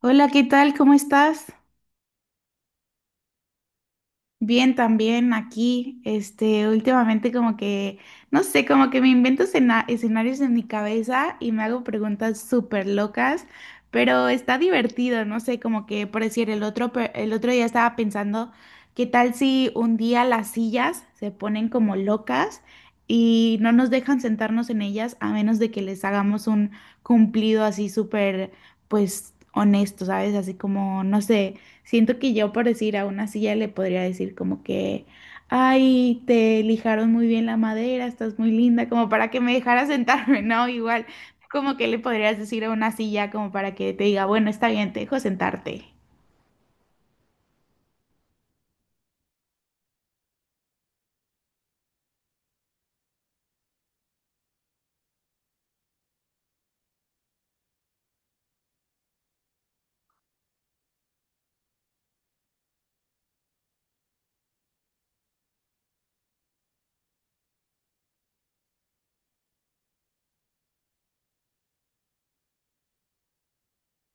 Hola, ¿qué tal? ¿Cómo estás? Bien, también aquí. Este, últimamente como que, no sé, como que me invento escenarios en mi cabeza y me hago preguntas súper locas, pero está divertido, no sé, como que por decir, el otro día estaba pensando, ¿qué tal si un día las sillas se ponen como locas y no nos dejan sentarnos en ellas a menos de que les hagamos un cumplido así súper, pues, honesto, ¿sabes? Así como, no sé. Siento que yo por decir a una silla le podría decir como que, ay, te lijaron muy bien la madera, estás muy linda, como para que me dejara sentarme, ¿no? Igual, como que le podrías decir a una silla como para que te diga, bueno, está bien, te dejo sentarte.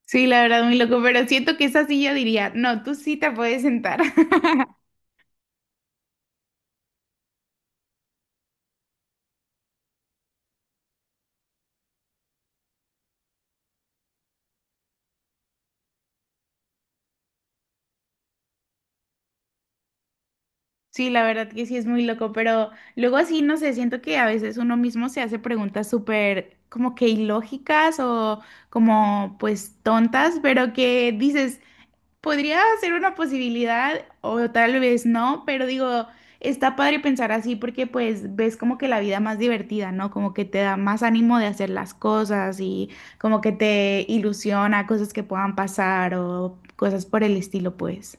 Sí, la verdad, muy loco, pero siento que esa silla diría, no, tú sí te puedes sentar. Sí, la verdad que sí es muy loco, pero luego así, no sé, siento que a veces uno mismo se hace preguntas súper como que ilógicas o como pues tontas, pero que dices... Podría ser una posibilidad o tal vez no, pero digo, está padre pensar así porque pues ves como que la vida más divertida, ¿no? Como que te da más ánimo de hacer las cosas y como que te ilusiona cosas que puedan pasar o cosas por el estilo, pues.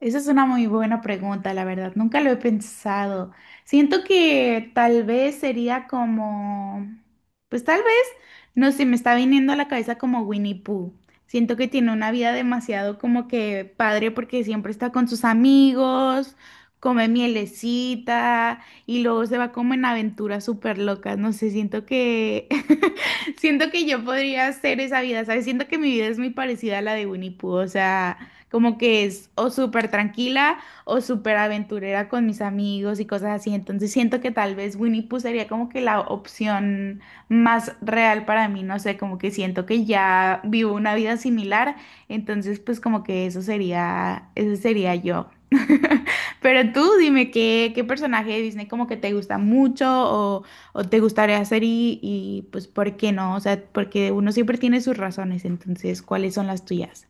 Esa es una muy buena pregunta, la verdad. Nunca lo he pensado. Siento que tal vez sería como, pues tal vez, no sé, me está viniendo a la cabeza como Winnie Pooh. Siento que tiene una vida demasiado como que padre porque siempre está con sus amigos, come mielecita y luego se va como en aventuras súper locas. No sé, siento que, siento que yo podría hacer esa vida, ¿sabes? Siento que mi vida es muy parecida a la de Winnie Pooh, o sea como que es o súper tranquila o súper aventurera con mis amigos y cosas así. Entonces siento que tal vez Winnie Pooh sería como que la opción más real para mí, no sé, como que siento que ya vivo una vida similar, entonces pues como que eso sería yo. Pero tú dime qué personaje de Disney como que te gusta mucho o te gustaría hacer y pues por qué no, o sea, porque uno siempre tiene sus razones, entonces, ¿cuáles son las tuyas?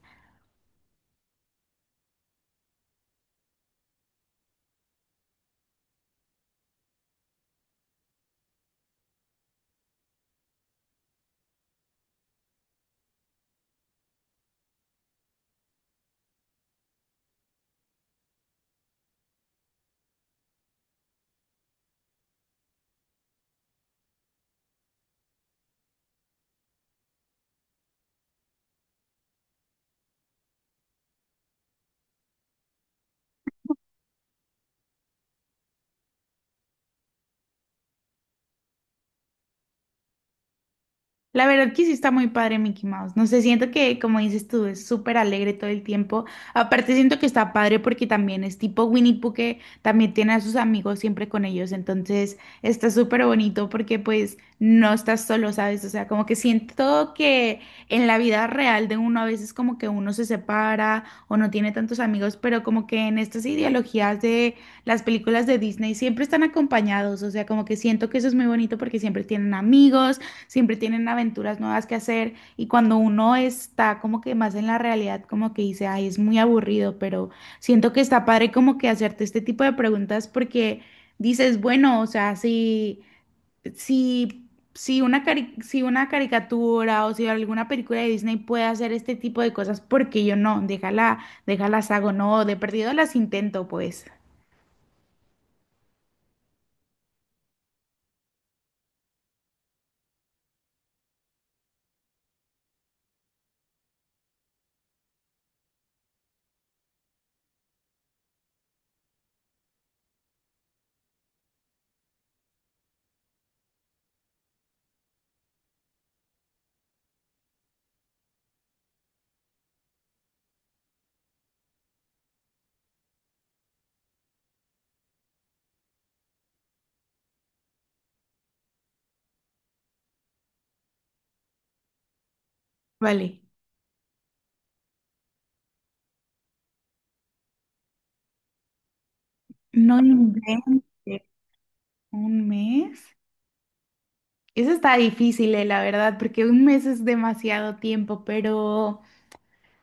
La verdad que sí está muy padre Mickey Mouse. No sé, siento que, como dices tú, es súper alegre todo el tiempo. Aparte, siento que está padre porque también es tipo Winnie Pooh que también tiene a sus amigos siempre con ellos. Entonces, está súper bonito porque pues no estás solo, ¿sabes? O sea, como que siento que en la vida real de uno a veces como que uno se separa o no tiene tantos amigos, pero como que en estas ideologías de las películas de Disney siempre están acompañados. O sea, como que siento que eso es muy bonito porque siempre tienen amigos siempre tienen aventuras nuevas que hacer y cuando uno está como que más en la realidad, como que dice, ay, es muy aburrido, pero siento que está padre como que hacerte este tipo de preguntas porque dices, bueno, o sea, si una caricatura o si alguna película de Disney puede hacer este tipo de cosas, ¿porque yo no? Déjalas hago, no, de perdido las intento, pues. Vale. No inventes un mes. Eso está difícil, la verdad, porque un mes es demasiado tiempo, pero,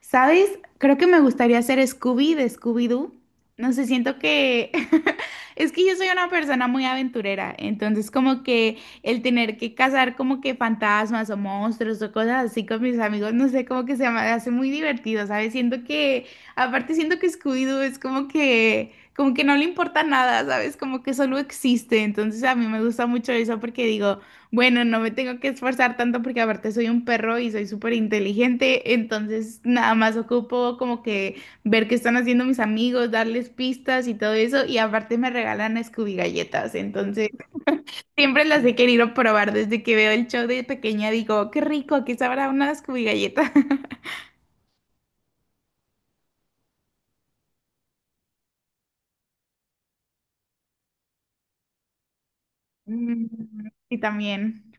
¿sabes? Creo que me gustaría ser Scooby de Scooby-Doo. No sé, siento que... Es que yo soy una persona muy aventurera, entonces como que el tener que cazar como que fantasmas o monstruos o cosas así con mis amigos, no sé, como que se me hace muy divertido, ¿sabes? Siento que, aparte siento que Scooby-Doo es como que no le importa nada, ¿sabes? Como que solo existe, entonces a mí me gusta mucho eso porque digo... Bueno, no me tengo que esforzar tanto porque aparte soy un perro y soy súper inteligente, entonces nada más ocupo como que ver qué están haciendo mis amigos, darles pistas y todo eso, y aparte me regalan Scooby galletas, entonces siempre las he querido probar desde que veo el show de pequeña, digo, qué rico, aquí sabrá una Scooby galleta. Mm, y también.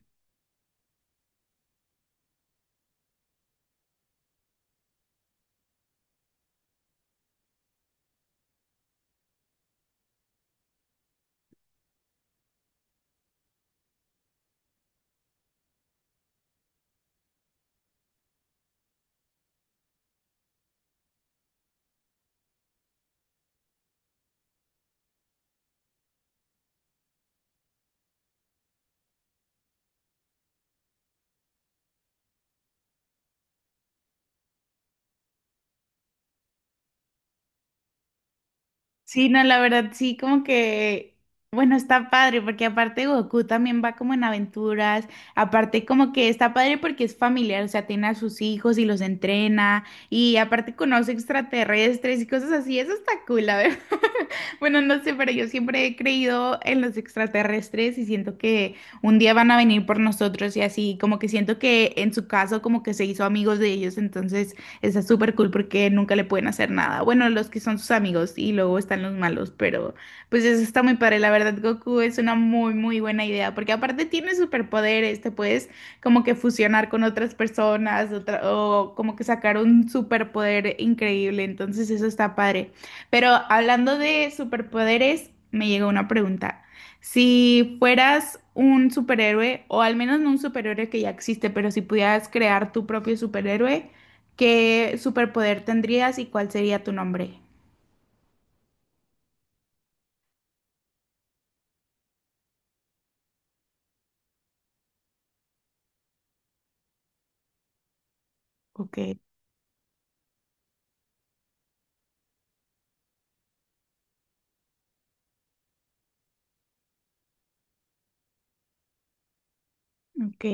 Sí, no, la verdad, sí, como que, bueno, está padre, porque aparte Goku también va como en aventuras, aparte como que está padre porque es familiar, o sea, tiene a sus hijos y los entrena, y aparte conoce extraterrestres y cosas así, eso está cool, la verdad. Bueno, no sé, pero yo siempre he creído en los extraterrestres y siento que un día van a venir por nosotros y así, como que siento que en su caso como que se hizo amigos de ellos, entonces... Está súper cool porque nunca le pueden hacer nada. Bueno, los que son sus amigos y luego están los malos, pero pues eso está muy padre. La verdad, Goku es una muy, muy buena idea porque aparte tiene superpoderes, te puedes como que fusionar con otras personas o como que sacar un superpoder increíble. Entonces eso está padre. Pero hablando de superpoderes, me llegó una pregunta. Si fueras un superhéroe, o al menos no un superhéroe que ya existe, pero si pudieras crear tu propio superhéroe, ¿qué superpoder tendrías y cuál sería tu nombre? Ok. Ok.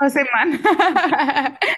José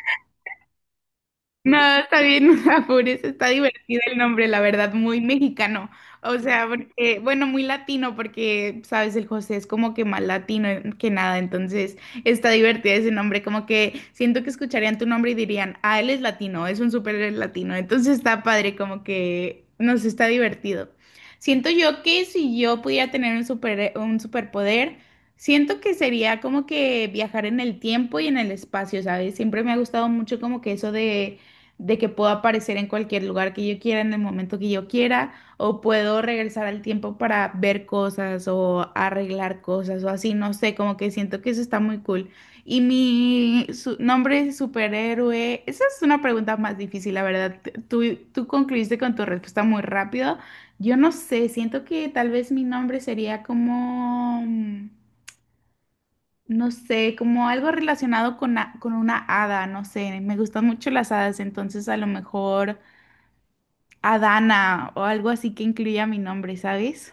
No, está bien, no te apures, está divertido el nombre, la verdad, muy mexicano. O sea, porque, bueno, muy latino, porque, sabes, el José es como que más latino que nada, entonces está divertido ese nombre, como que siento que escucharían tu nombre y dirían, ah, él es latino, es un súper latino, entonces está padre, como que, no sé, está divertido. Siento yo que si yo pudiera tener un super, un superpoder, siento que sería como que viajar en el tiempo y en el espacio, ¿sabes? Siempre me ha gustado mucho como que eso de que puedo aparecer en cualquier lugar que yo quiera, en el momento que yo quiera, o puedo regresar al tiempo para ver cosas o arreglar cosas o así, no sé, como que siento que eso está muy cool. Y mi nombre es superhéroe, esa es una pregunta más difícil, la verdad. Tú concluiste con tu respuesta muy rápido. Yo no sé, siento que tal vez mi nombre sería como, no sé, como algo relacionado con, con una hada, no sé, me gustan mucho las hadas, entonces a lo mejor... Adana o algo así que incluya mi nombre, ¿sabes?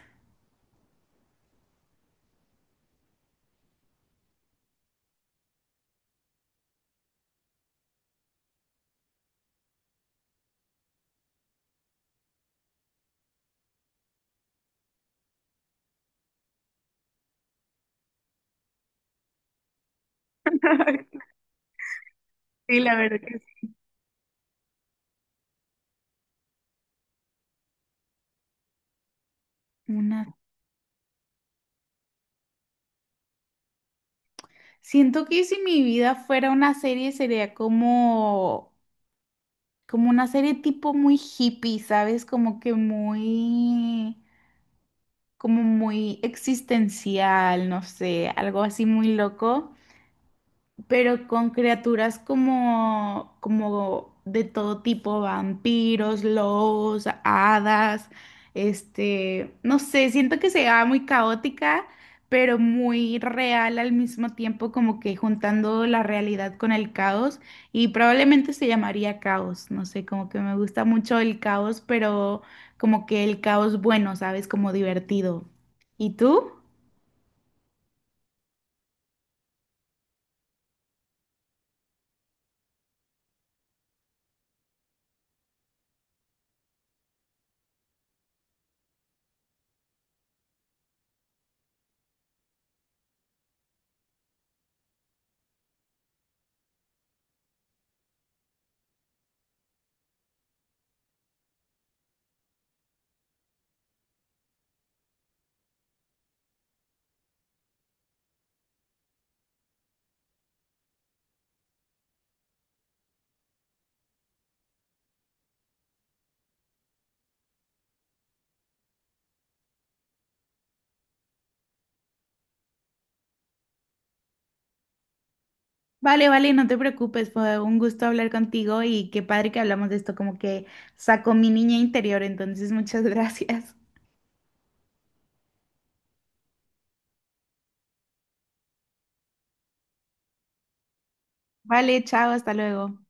Sí, la verdad que sí. Una... Siento que si mi vida fuera una serie sería como, como una serie tipo muy hippie, ¿sabes? Como que muy, como muy existencial, no sé, algo así muy loco, pero con criaturas como, como de todo tipo, vampiros, lobos, hadas, este, no sé, siento que se va muy caótica, pero muy real al mismo tiempo, como que juntando la realidad con el caos, y probablemente se llamaría caos, no sé, como que me gusta mucho el caos, pero como que el caos bueno, ¿sabes? Como divertido. ¿Y tú? Vale, vale, no te preocupes, fue un gusto hablar contigo y qué padre que hablamos de esto, como que sacó mi niña interior, entonces muchas gracias. Vale, chao, hasta luego.